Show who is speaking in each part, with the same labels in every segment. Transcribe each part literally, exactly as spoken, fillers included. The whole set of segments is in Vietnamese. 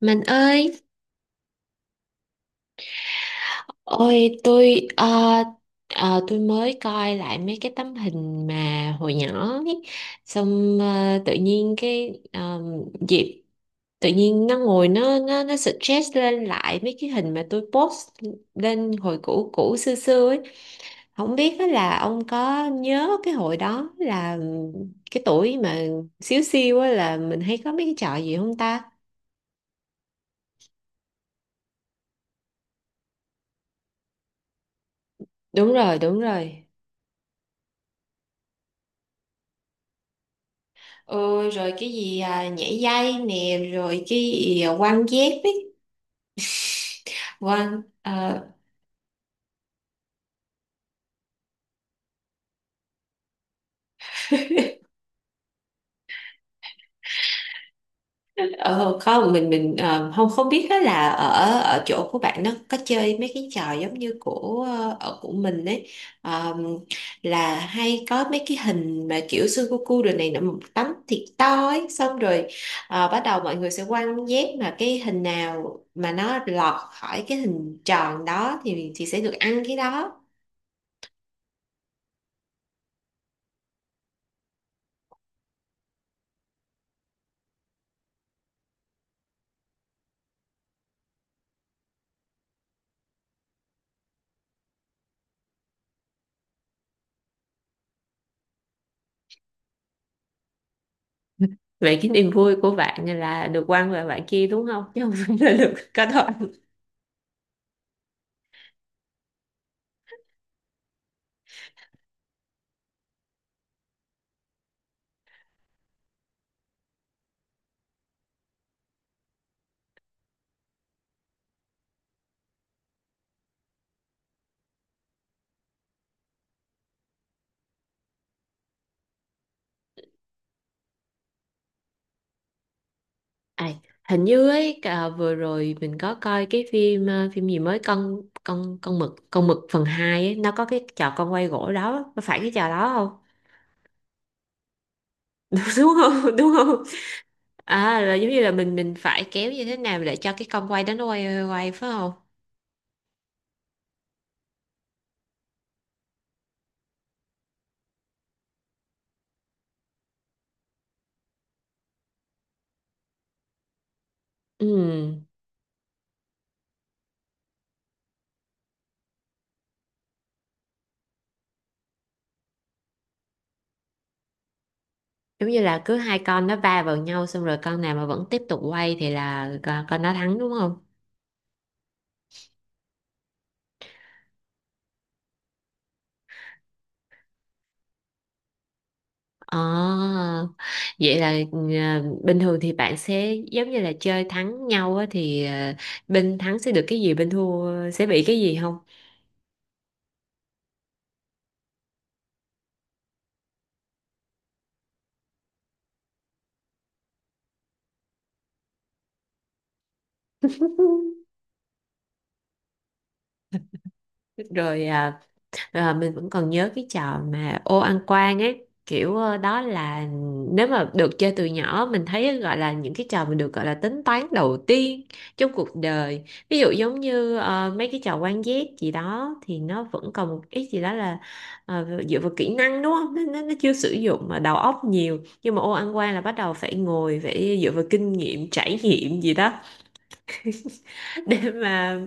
Speaker 1: Mình ơi, Ôi tôi ờ, ờ, tôi mới coi lại mấy cái tấm hình mà hồi nhỏ ấy. Xong ờ, tự nhiên cái ờ, dịp tự nhiên nó ngồi nó nó nó suggest lên lại mấy cái hình mà tôi post lên hồi cũ cũ xưa xưa ấy. Không biết á là ông có nhớ cái hồi đó là cái tuổi mà xíu xiu á là mình hay có mấy cái trò gì không ta? Đúng rồi, đúng rồi. Ừ, rồi cái gì à, nhảy dây nè rồi cái gì à, quăng dép ấy. Quăng ờ ờ, Không mình mình ờ, không không biết đó là ở ở chỗ của bạn nó có chơi mấy cái trò giống như của ờ, ở của mình ấy. Ờ, là hay có mấy cái hình mà kiểu sudoku rồi này nọ một tấm thiệt to ấy xong rồi ờ, bắt đầu mọi người sẽ quăng dép mà cái hình nào mà nó lọt khỏi cái hình tròn đó thì thì sẽ được ăn cái đó. Vậy cái niềm vui của bạn là được quăng vào bạn kia đúng không, chứ không phải là được có thôi? À, hình như ấy cả vừa rồi mình có coi cái phim, ờ, phim gì mới, con con con mực con mực phần hai ấy, nó có cái trò con quay gỗ đó, có phải cái trò đó không? Đúng đúng không, đúng không? À là giống như là mình mình phải kéo như thế nào để cho cái con quay đó nó quay quay, quay phải không? Ừ, giống như là cứ hai con nó va vào nhau xong rồi con nào mà vẫn tiếp tục quay thì là con, con nó thắng đúng không? À, vậy là à, bình thường thì bạn sẽ giống như là chơi thắng nhau á, thì à, bên thắng sẽ được cái gì, bên thua sẽ bị cái gì không? Rồi à, Ờ, Mình vẫn còn nhớ cái trò mà ô ăn quan ấy, kiểu ờ, đó là nếu mà được chơi từ nhỏ mình thấy gọi là những cái trò mình được gọi là tính toán đầu tiên trong cuộc đời. Ví dụ giống như ờ, mấy cái trò quan giác gì đó thì nó vẫn còn một ít gì đó là ờ, dựa vào kỹ năng đúng không, nó, nó, nó chưa sử dụng mà đầu óc nhiều, nhưng mà ô ăn quan là bắt đầu phải ngồi phải dựa vào kinh nghiệm trải nghiệm gì đó. để mà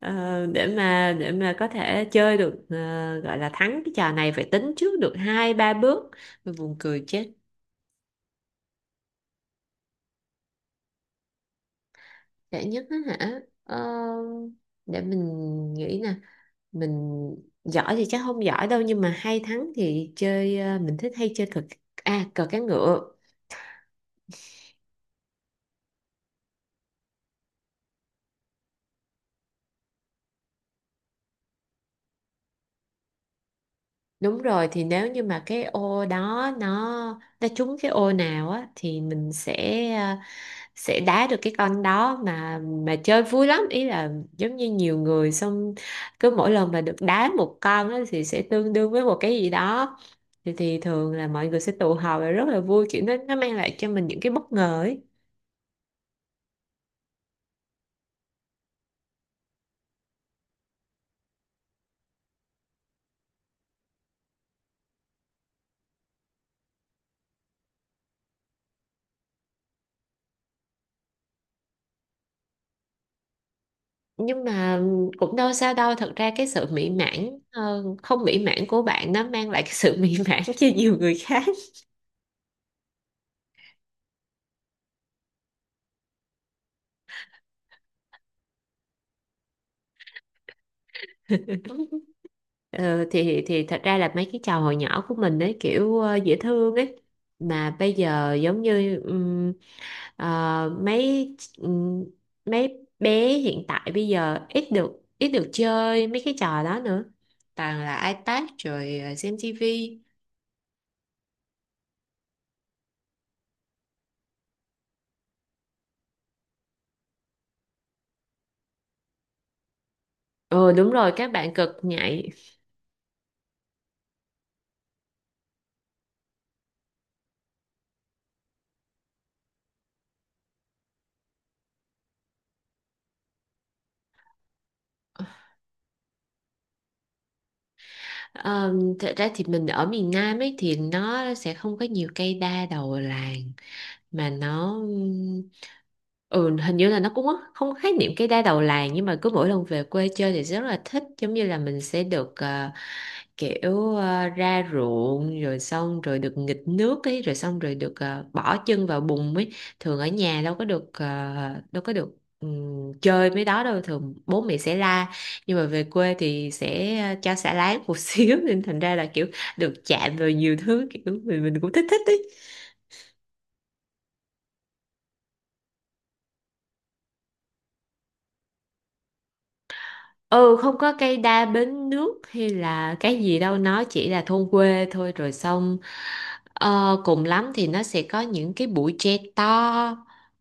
Speaker 1: Ờ, để mà để mà có thể chơi được, ờ, gọi là thắng cái trò này phải tính trước được hai ba bước. Mình buồn cười chết. Dễ nhất á hả? Ờ, để mình nghĩ nè. Mình giỏi thì chắc không giỏi đâu, nhưng mà hay thắng thì chơi, ờ, mình thích hay chơi cờ. À, cờ cá ngựa. Đúng rồi, thì nếu như mà cái ô đó nó nó trúng cái ô nào á thì mình sẽ, ờ, sẽ đá được cái con đó mà. Mà chơi vui lắm, ý là giống như nhiều người xong cứ mỗi lần mà được đá một con á thì sẽ tương đương với một cái gì đó, thì, thì thường là mọi người sẽ tụ họp và rất là vui, kiểu nó nó mang lại cho mình những cái bất ngờ ấy. Nhưng mà cũng đâu sao đâu, thật ra cái sự mỹ mãn, ờ, không mỹ mãn của bạn nó mang lại cái sự mỹ mãn cho nhiều người khác. Ờ, thì thì thật ra là mấy cái trò hồi nhỏ của mình ấy kiểu ờ, dễ thương ấy, mà bây giờ giống như Ờ, mấy mấy bé hiện tại bây giờ ít được ít được chơi mấy cái trò đó nữa. Toàn là iPad rồi ờ, xem tivi. Ừ đúng rồi, các bạn cực nhạy. Ờ, thật ra thì mình ở miền Nam ấy thì nó sẽ không có nhiều cây đa đầu làng. Mà nó ừ hình như là nó cũng không khái niệm cái đa đầu làng, nhưng mà cứ mỗi lần về quê chơi thì rất là thích, giống như là mình sẽ được ờ, kiểu ờ, ra ruộng rồi xong rồi được nghịch nước ấy, rồi xong rồi được ờ, bỏ chân vào bùn ấy. Thường ở nhà đâu có được, ờ, đâu có được ừm, chơi mấy đó đâu, thường bố mẹ sẽ la, nhưng mà về quê thì sẽ ờ, cho xả láng một xíu, nên thành ra là kiểu được chạm vào nhiều thứ, kiểu mình mình cũng thích thích ấy. Ừ, không có cây đa bến nước hay là cái gì đâu, nó chỉ là thôn quê thôi, rồi xong ờ, cùng lắm thì nó sẽ có những cái bụi tre to,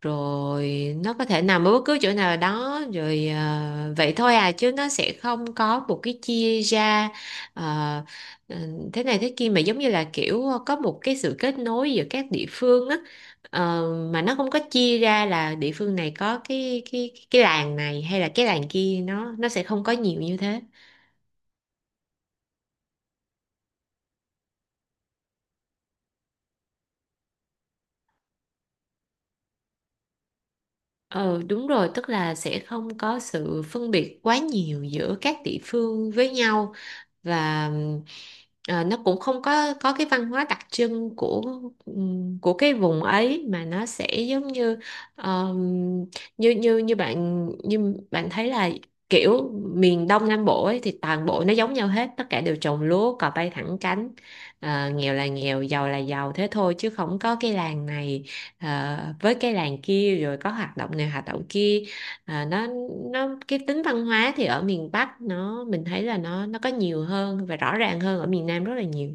Speaker 1: rồi nó có thể nằm ở bất cứ chỗ nào đó, rồi ờ, vậy thôi à, chứ nó sẽ không có một cái chia ra ờ, ừ, thế này thế kia, mà giống như là kiểu có một cái sự kết nối giữa các địa phương á. Ờ, mà nó không có chia ra là địa phương này có cái cái cái làng này hay là cái làng kia, nó nó sẽ không có nhiều như thế. Ờ đúng rồi, tức là sẽ không có sự phân biệt quá nhiều giữa các địa phương với nhau, và ừm, à, nó cũng không có có cái văn hóa đặc trưng của, ừm, của cái vùng ấy, mà nó sẽ giống như, ờm, như như như bạn như bạn thấy là kiểu miền Đông Nam Bộ ấy thì toàn bộ nó giống nhau hết, tất cả đều trồng lúa, cò bay thẳng cánh. À, nghèo là nghèo, giàu là giàu, thế thôi, chứ không có cái làng này ờ, với cái làng kia rồi có hoạt động này hoạt động kia. À, nó nó cái tính văn hóa thì ở miền Bắc nó mình thấy là nó nó có nhiều hơn và rõ ràng hơn ở miền Nam rất là nhiều.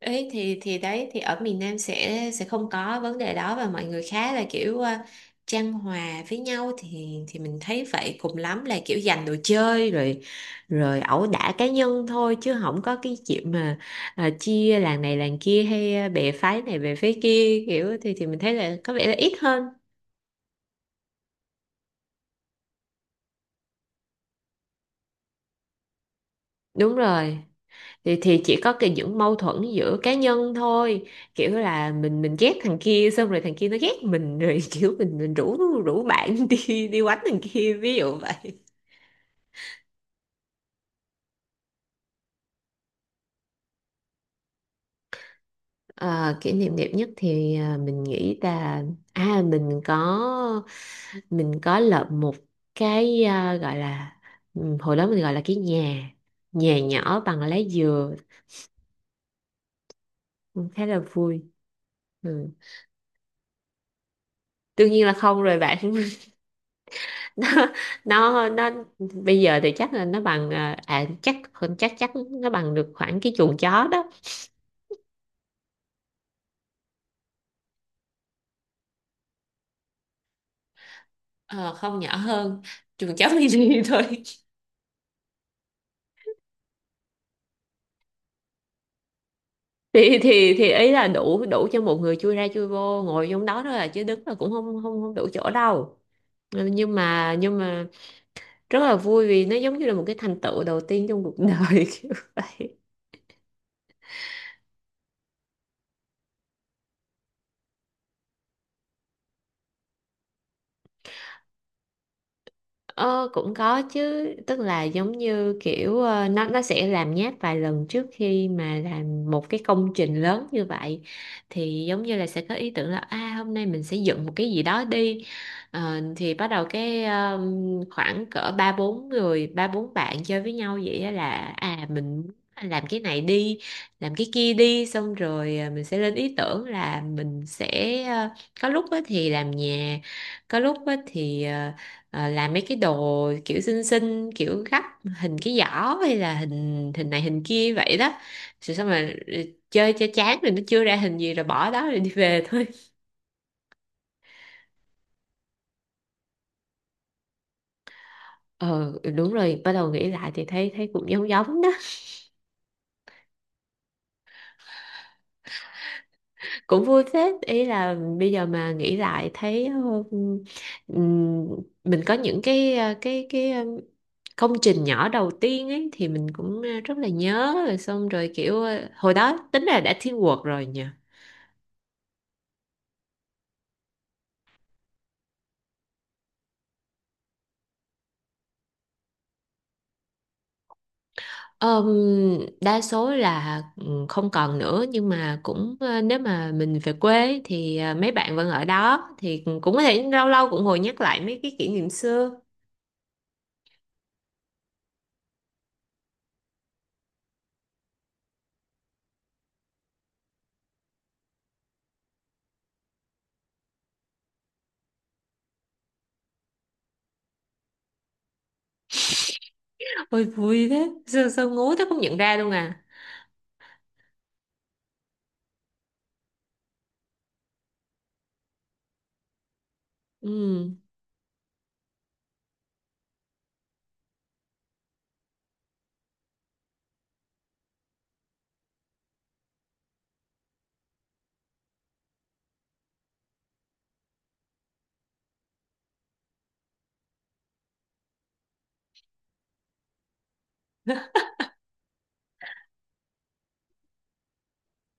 Speaker 1: Ấy thì thì đấy, thì ở miền Nam sẽ sẽ không có vấn đề đó, và mọi người khá là kiểu ờ, chan hòa với nhau, thì thì mình thấy vậy, cùng lắm là kiểu giành đồ chơi rồi, rồi ẩu đả cá nhân thôi, chứ không có cái chuyện mà ờ, chia làng này làng kia, hay ờ, bè phái này bè phái kia kiểu, thì thì mình thấy là có vẻ là ít hơn. Đúng rồi, thì thì chỉ có cái những mâu thuẫn giữa cá nhân thôi, kiểu là mình mình ghét thằng kia, xong rồi thằng kia nó ghét mình rồi. Kiểu mình mình rủ rủ bạn đi đi quánh thằng kia ví dụ vậy. Ờ, kỷ niệm đẹp nhất thì à, mình nghĩ là, à mình có mình có lợp một cái, à, gọi là, ừm, hồi đó mình gọi là cái nhà nhà nhỏ bằng lá dừa. Cũng khá là vui. Ừ. Đương nhiên là không rồi bạn. nó nó nó bây giờ thì chắc là nó bằng, à, à, chắc chắc chắc nó bằng được khoảng cái chuồng chó đó. Ờ, không, nhỏ hơn chuồng chó mini thôi. Thì thì thì ý là đủ đủ cho một người chui ra chui vô ngồi trong đó thôi, là chứ đứng là cũng không không không đủ chỗ đâu. Ừ, nhưng mà nhưng mà rất là vui vì nó giống như là một cái thành tựu đầu tiên trong cuộc đời kiểu vậy. Ờ, cũng có chứ, tức là giống như kiểu ờ, nó nó sẽ làm nháp vài lần trước khi mà làm một cái công trình lớn như vậy, thì giống như là sẽ có ý tưởng là, à, hôm nay mình sẽ dựng một cái gì đó đi. Ờ, thì bắt đầu cái, ờ, khoảng cỡ ba bốn người, ba bốn bạn chơi với nhau vậy á, là à mình làm cái này đi, làm cái kia đi, xong rồi ờ, mình sẽ lên ý tưởng là mình sẽ, ờ, có lúc á thì làm nhà, có lúc á thì ờ, ờ, làm mấy cái đồ kiểu xinh xinh, kiểu gấp hình cái giỏ hay là hình hình này hình kia vậy đó, rồi xong mà chơi cho chán rồi nó chưa ra hình gì rồi bỏ đó rồi đi về thôi. Ờ đúng rồi, bắt đầu nghĩ lại thì thấy thấy cũng giống giống đó. Cũng vui phết, ý là bây giờ mà nghĩ lại thấy, ờ, ừm, mình có những cái, ờ, cái cái ờ, công trình nhỏ đầu tiên ấy, thì mình cũng ờ, rất là nhớ, rồi xong rồi kiểu ờ, hồi đó tính là đã thiên quật rồi nhỉ. Ờm, đa số là, ừ, không còn nữa, nhưng mà cũng ờ, nếu mà mình về quê ấy, thì ờ, mấy bạn vẫn ở đó thì cũng có thể lâu lâu cũng ngồi nhắc lại mấy cái kỷ niệm xưa. Ôi vui thế, xưa sao ngố thế không nhận ra luôn à? Ừ.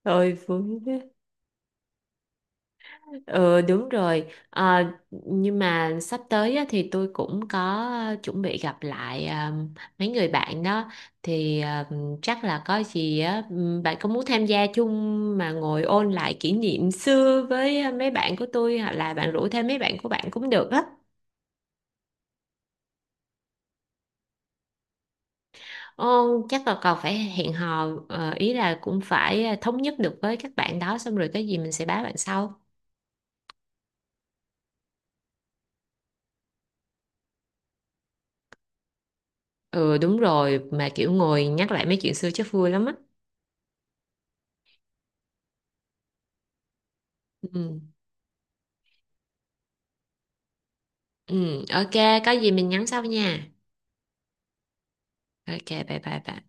Speaker 1: Ôi vui thế. Ừ đúng rồi. Ờ, nhưng mà sắp tới á, thì tôi cũng có chuẩn bị gặp lại, à, mấy người bạn đó, thì à, chắc là có gì á, ừm, bạn có muốn tham gia chung mà ngồi ôn lại kỷ niệm xưa với, ờ, mấy bạn của tôi hoặc là bạn rủ thêm mấy bạn của bạn cũng được á. Ồ, chắc là còn phải hẹn hò, ờ, ý là cũng phải ờ, thống nhất được với các bạn đó, xong rồi cái gì mình sẽ báo bạn sau. Ừ đúng rồi, mà kiểu ngồi nhắc lại mấy chuyện xưa chắc vui lắm á. Ừ. Ừ, ok, có gì mình nhắn sau nha. Ok, bye bye bye.